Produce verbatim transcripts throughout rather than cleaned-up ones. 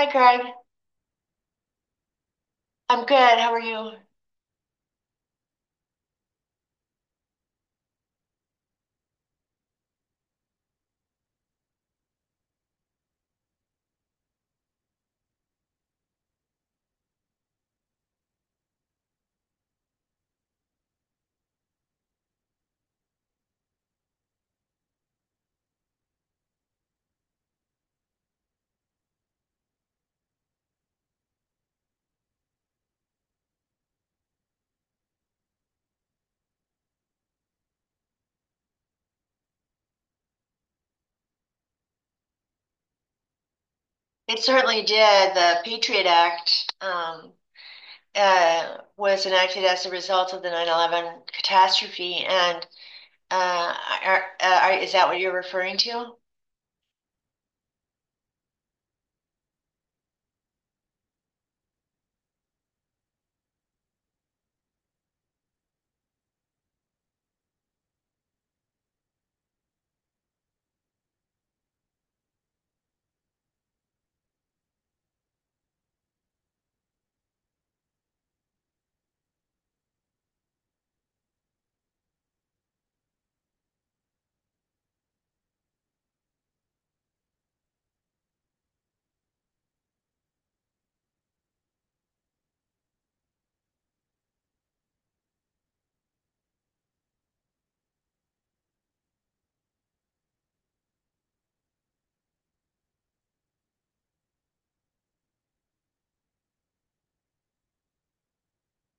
Hi, Craig. I'm good. How are you? It certainly did. The Patriot Act um, uh, was enacted as a result of the nine eleven catastrophe, and uh, are, uh, are, is that what you're referring to?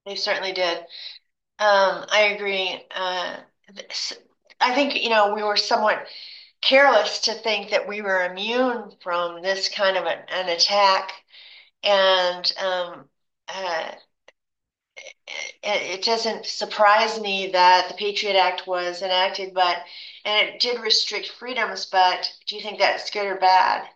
They certainly did. Um, I agree. Uh, this- I think you know we were somewhat careless to think that we were immune from this kind of an, an attack, and um, uh, it, doesn't surprise me that the Patriot Act was enacted, but and it did restrict freedoms, but do you think that's good or bad?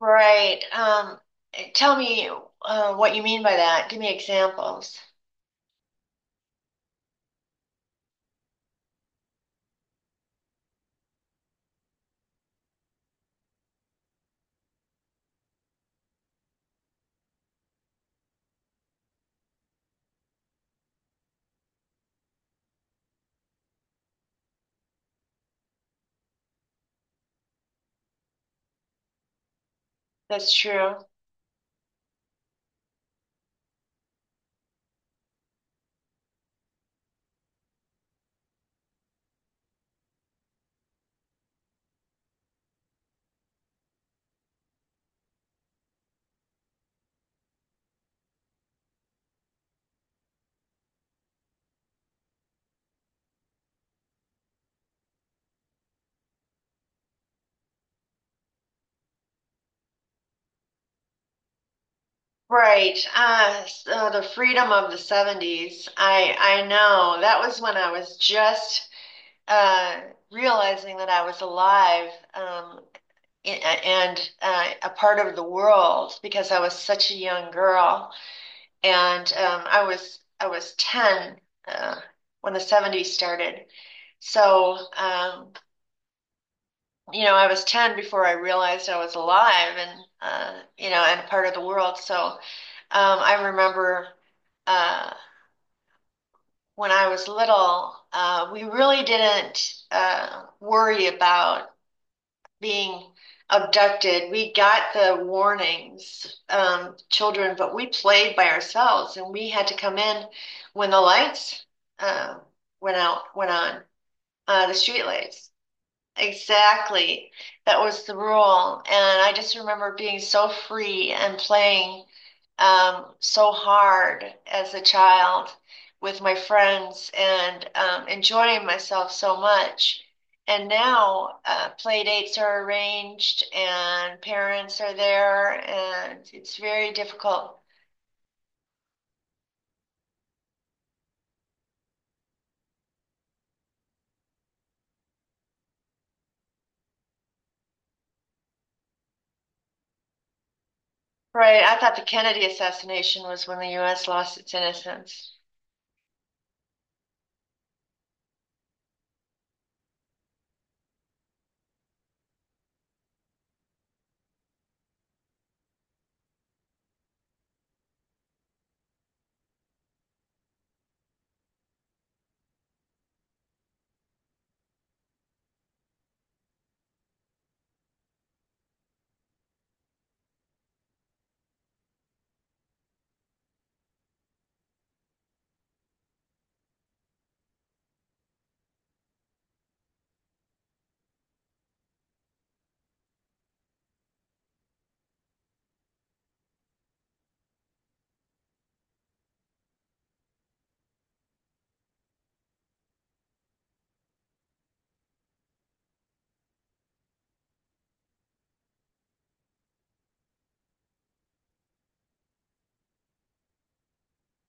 Right. Um, tell me uh, what you mean by that. Give me examples. That's true. Right. Uh, so the freedom of the seventies. I I know that was when I was just uh, realizing that I was alive. Um, and uh, a part of the world because I was such a young girl, and um, I was I was ten uh, when the seventies started. So, um, you know, I was ten before I realized I was alive and, uh, you know, and part of the world. So, um, I remember uh, when I was little, uh, we really didn't uh, worry about being abducted. We got the warnings, um, children, but we played by ourselves and we had to come in when the lights uh, went out, went on, uh, the street lights. Exactly. That was the rule. And I just remember being so free and playing, um, so hard, as a child with my friends and, um, enjoying myself so much. And now uh, play dates are arranged and parents are there, and it's very difficult. Right. I thought the Kennedy assassination was when the U S lost its innocence.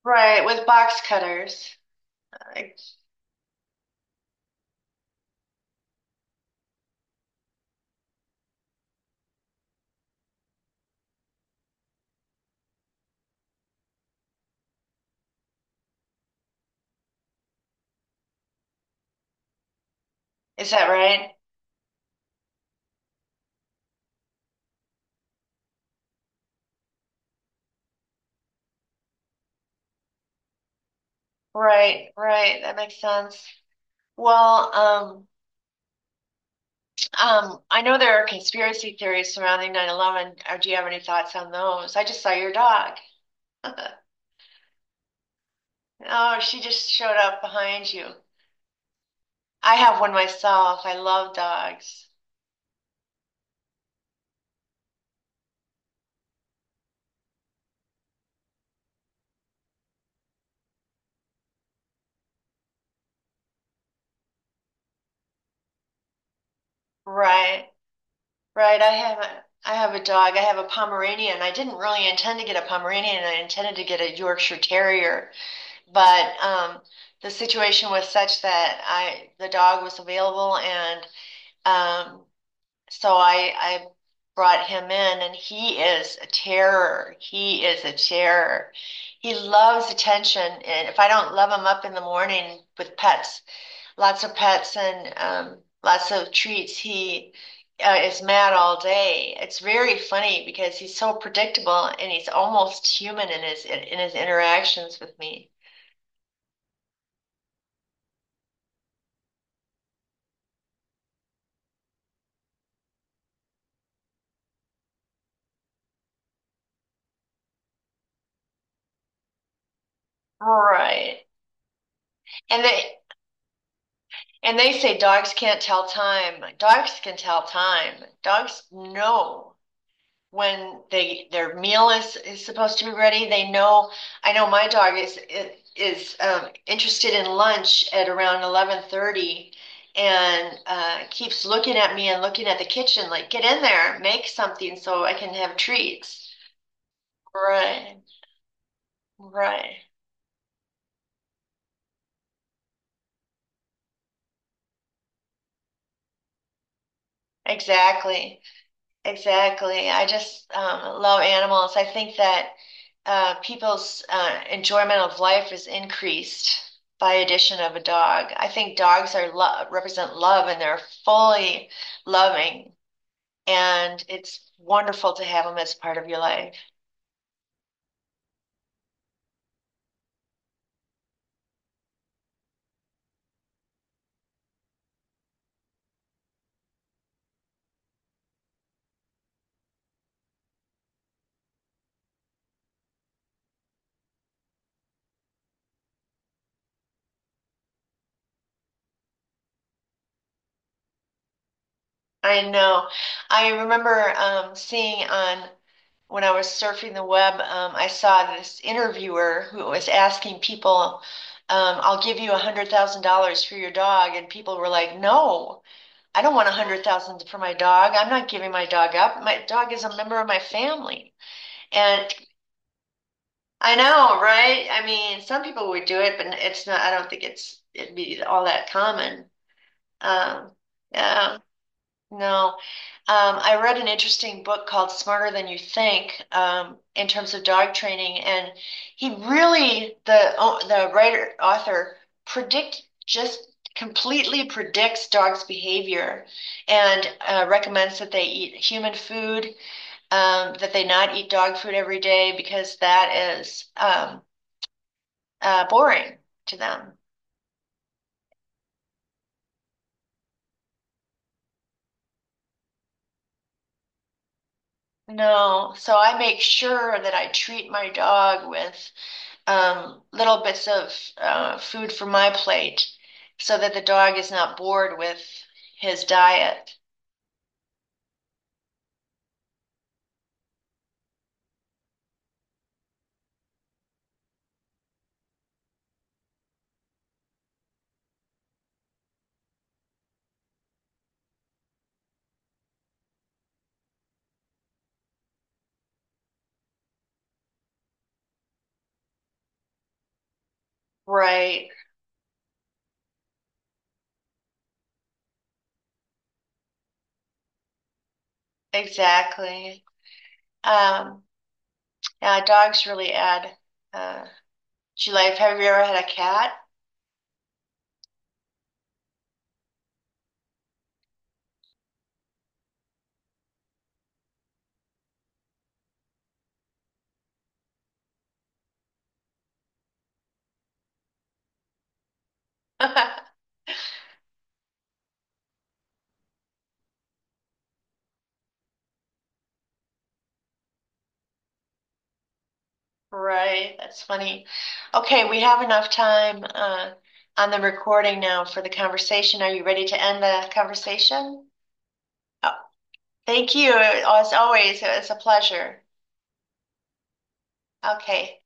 Right, with box cutters. Like, is that right? Right, right. That makes sense. Well, um, um, I know there are conspiracy theories surrounding nine eleven. Or do you have any thoughts on those? I just saw your dog. Oh, she just showed up behind you. I have one myself. I love dogs. Right, right. I have a, I have a dog. I have a Pomeranian. I didn't really intend to get a Pomeranian. I intended to get a Yorkshire Terrier, but um, the situation was such that I the dog was available, and um, so I I brought him in, and he is a terror. He is a terror. He loves attention, and if I don't love him up in the morning with pets, lots of pets and um, lots of treats, he uh, is mad all day. It's very funny because he's so predictable and he's almost human in his in in his interactions with me. Right. And they and they say dogs can't tell time. Dogs can tell time. Dogs know when they their meal is, is supposed to be ready. They know. I know my dog is is um, interested in lunch at around eleven thirty, and uh, keeps looking at me and looking at the kitchen like, get in there, make something so I can have treats. Right, right, exactly. Exactly. I just um, love animals. I think that uh, people's uh, enjoyment of life is increased by addition of a dog. I think dogs are love, represent love, and they're fully loving, and it's wonderful to have them as part of your life. I know. I remember um, seeing on when I was surfing the web, um, I saw this interviewer who was asking people, um, I'll give you a hundred thousand dollars for your dog. And people were like, No, I don't want a hundred thousand for my dog. I'm not giving my dog up. My dog is a member of my family. And I know, right? I mean, some people would do it, but it's not, I don't think it's, it'd be all that common. Um, yeah. No. Um, I read an interesting book called Smarter Than You Think, um, in terms of dog training, and he really, the oh, the writer author predict just completely predicts dogs' behavior and uh, recommends that they eat human food, um, that they not eat dog food every day because that is um, uh, boring to them. No, so I make sure that I treat my dog with um, little bits of uh, food from my plate so that the dog is not bored with his diet. Right, exactly. Um, yeah, dogs really add uh, to life. Have you ever had a cat? Right, that's funny. Okay, we have enough time uh, on the recording now for the conversation. Are you ready to end the conversation? Oh, thank you, as always. It's a pleasure. Okay.